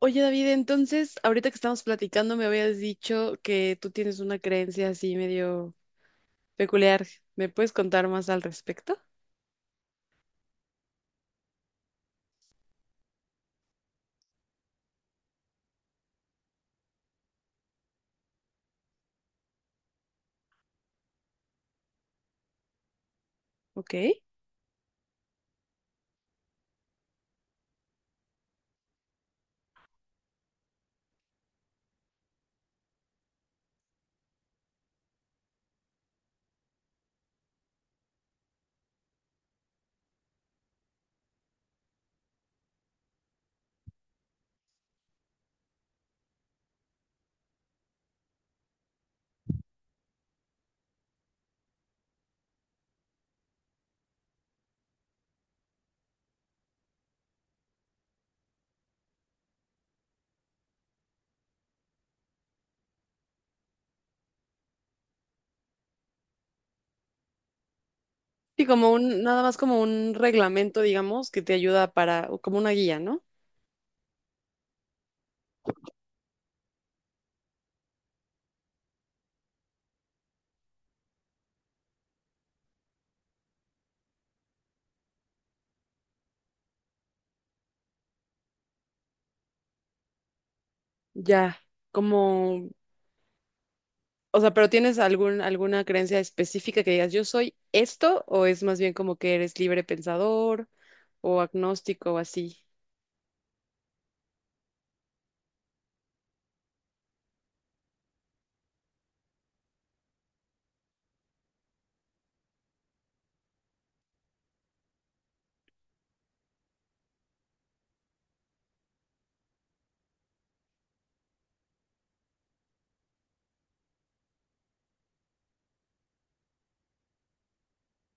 Oye, David, entonces, ahorita que estamos platicando, me habías dicho que tú tienes una creencia así medio peculiar. ¿Me puedes contar más al respecto? Ok. Sí, como nada más como un reglamento, digamos, que te ayuda para, o como una guía, ¿no? Ya, como, o sea, pero ¿tienes algún, alguna creencia específica que digas, yo soy esto, o es más bien como que eres libre pensador, o agnóstico, o así?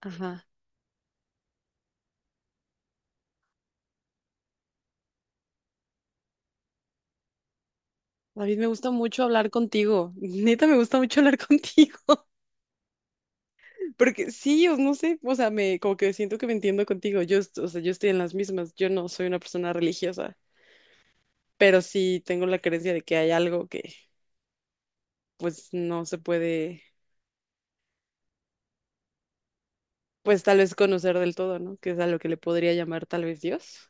Ajá. David, me gusta mucho hablar contigo. Neta, me gusta mucho hablar contigo. Porque sí, o no sé, o sea, me como que siento que me entiendo contigo. O sea, yo estoy en las mismas. Yo no soy una persona religiosa, pero sí tengo la creencia de que hay algo que pues no se puede, pues tal vez conocer del todo, ¿no? Que es a lo que le podría llamar tal vez Dios.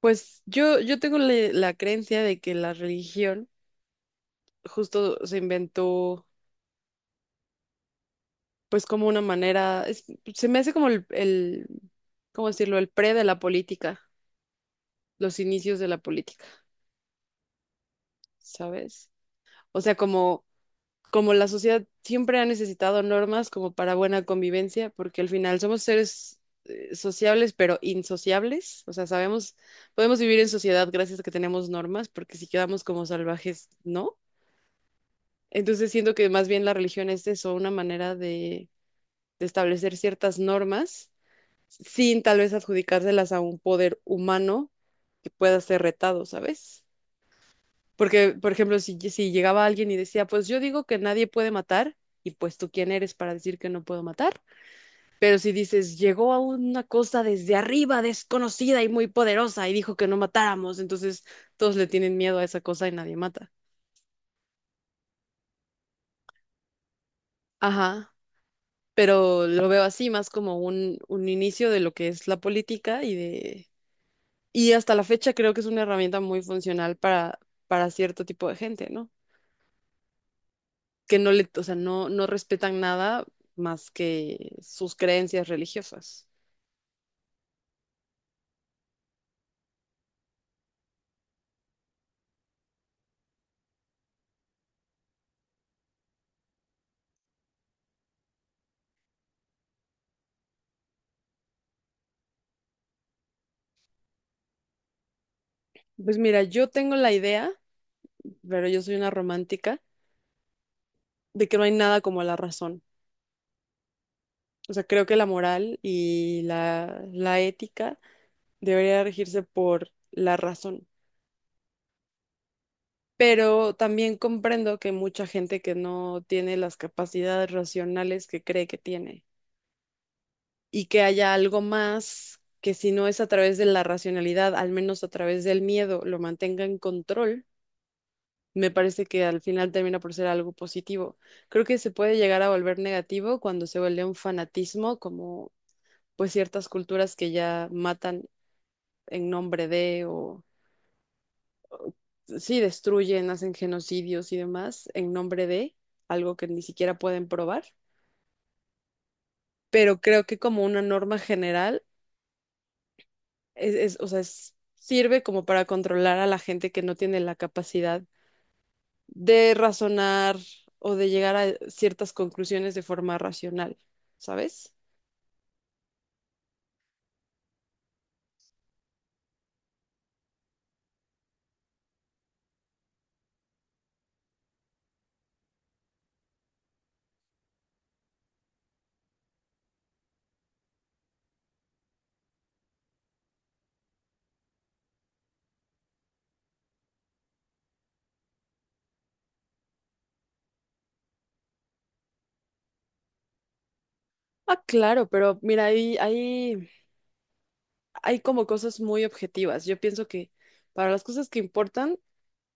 Pues yo tengo la creencia de que la religión justo se inventó pues como una manera, se me hace como ¿cómo decirlo? El pre de la política, los inicios de la política, ¿sabes? O sea, como como la sociedad siempre ha necesitado normas como para buena convivencia, porque al final somos seres sociables, pero insociables, o sea, sabemos, podemos vivir en sociedad gracias a que tenemos normas, porque si quedamos como salvajes, no. Entonces siento que más bien la religión es eso, una manera de establecer ciertas normas sin tal vez adjudicárselas a un poder humano que pueda ser retado, ¿sabes? Porque, por ejemplo, si llegaba alguien y decía, pues yo digo que nadie puede matar, y pues tú quién eres para decir que no puedo matar. Pero si dices, llegó a una cosa desde arriba, desconocida y muy poderosa, y dijo que no matáramos, entonces todos le tienen miedo a esa cosa y nadie mata. Ajá, pero lo veo así más como un inicio de lo que es la política y de... Y hasta la fecha creo que es una herramienta muy funcional para cierto tipo de gente, ¿no? que no le, o sea, no respetan nada más que sus creencias religiosas. Pues mira, yo tengo la idea, pero yo soy una romántica, de que no hay nada como la razón. O sea, creo que la moral y la ética debería regirse por la razón. Pero también comprendo que mucha gente que no tiene las capacidades racionales que cree que tiene. Y que haya algo más que si no es a través de la racionalidad, al menos a través del miedo, lo mantenga en control, me parece que al final termina por ser algo positivo. Creo que se puede llegar a volver negativo cuando se vuelve un fanatismo, como pues ciertas culturas que ya matan en nombre de o sí destruyen, hacen genocidios y demás en nombre de algo que ni siquiera pueden probar. Pero creo que como una norma general, o sea, sirve como para controlar a la gente que no tiene la capacidad de razonar o de llegar a ciertas conclusiones de forma racional, ¿sabes? Ah, claro, pero mira, hay como cosas muy objetivas. Yo pienso que para las cosas que importan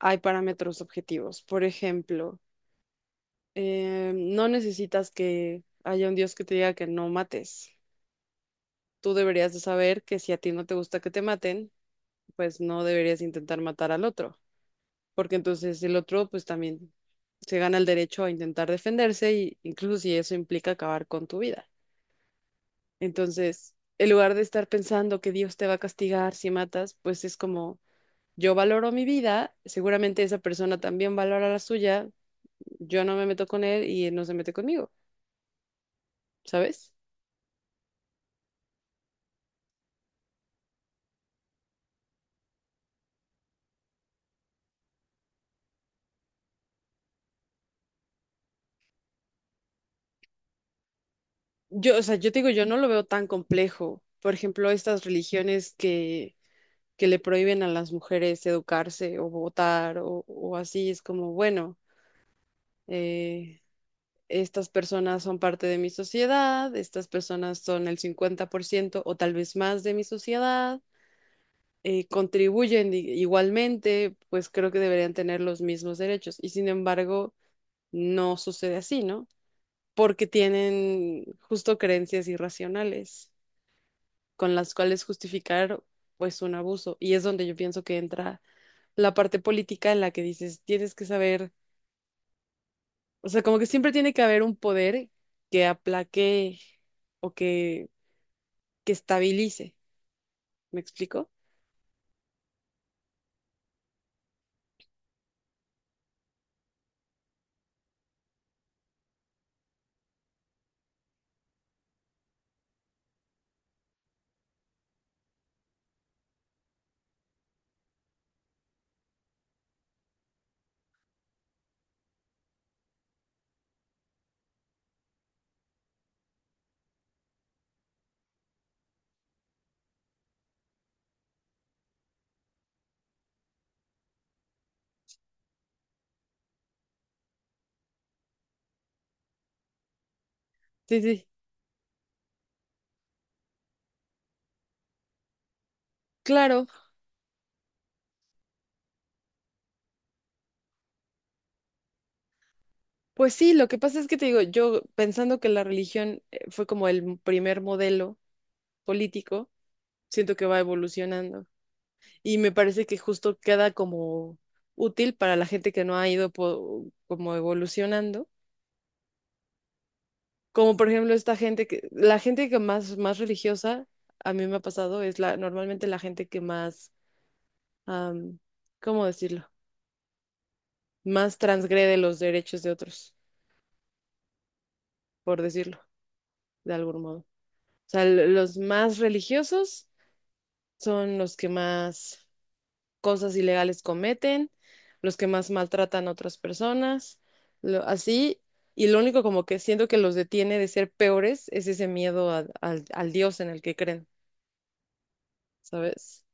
hay parámetros objetivos. Por ejemplo, no necesitas que haya un Dios que te diga que no mates. Tú deberías de saber que si a ti no te gusta que te maten, pues no deberías intentar matar al otro. Porque entonces el otro pues también se gana el derecho a intentar defenderse y incluso si eso implica acabar con tu vida. Entonces, en lugar de estar pensando que Dios te va a castigar si matas, pues es como yo valoro mi vida, seguramente esa persona también valora la suya, yo no me meto con él y él no se mete conmigo, ¿sabes? Yo, o sea, yo te digo, yo no lo veo tan complejo. Por ejemplo, que le prohíben a las mujeres educarse o votar o así, es como, bueno, eh, estas personas son parte de mi sociedad, estas personas son el 50% o tal vez más de mi sociedad, contribuyen igualmente, pues creo que deberían tener los mismos derechos. Y sin embargo, no sucede así, ¿no? Porque tienen justo creencias irracionales con las cuales justificar pues un abuso. Y es donde yo pienso que entra la parte política en la que dices, tienes que saber, o sea, como que siempre tiene que haber un poder que aplaque o que estabilice. ¿Me explico? Sí, sí. Claro, pues sí, lo que pasa es que te digo, yo pensando que la religión fue como el primer modelo político, siento que va evolucionando y me parece que justo queda como útil para la gente que no ha ido como evolucionando, como por ejemplo la gente que más religiosa, a mí me ha pasado, es la, normalmente la gente que am, ¿cómo decirlo? Más transgrede los derechos de otros, por decirlo. De algún modo. O sea, los más religiosos son los que más cosas ilegales cometen, los que más maltratan a otras personas, así. Y lo único como que siento que los detiene de ser peores es ese miedo al Dios en el que creen, ¿sabes?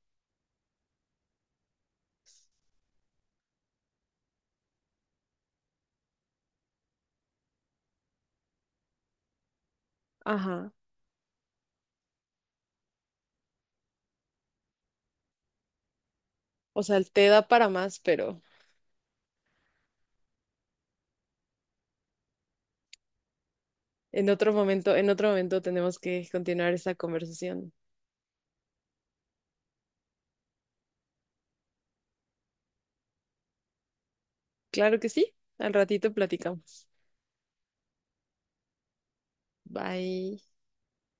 Ajá. O sea, te da para más, pero en otro momento tenemos que continuar esta conversación. Claro que sí. Al ratito platicamos. Bye.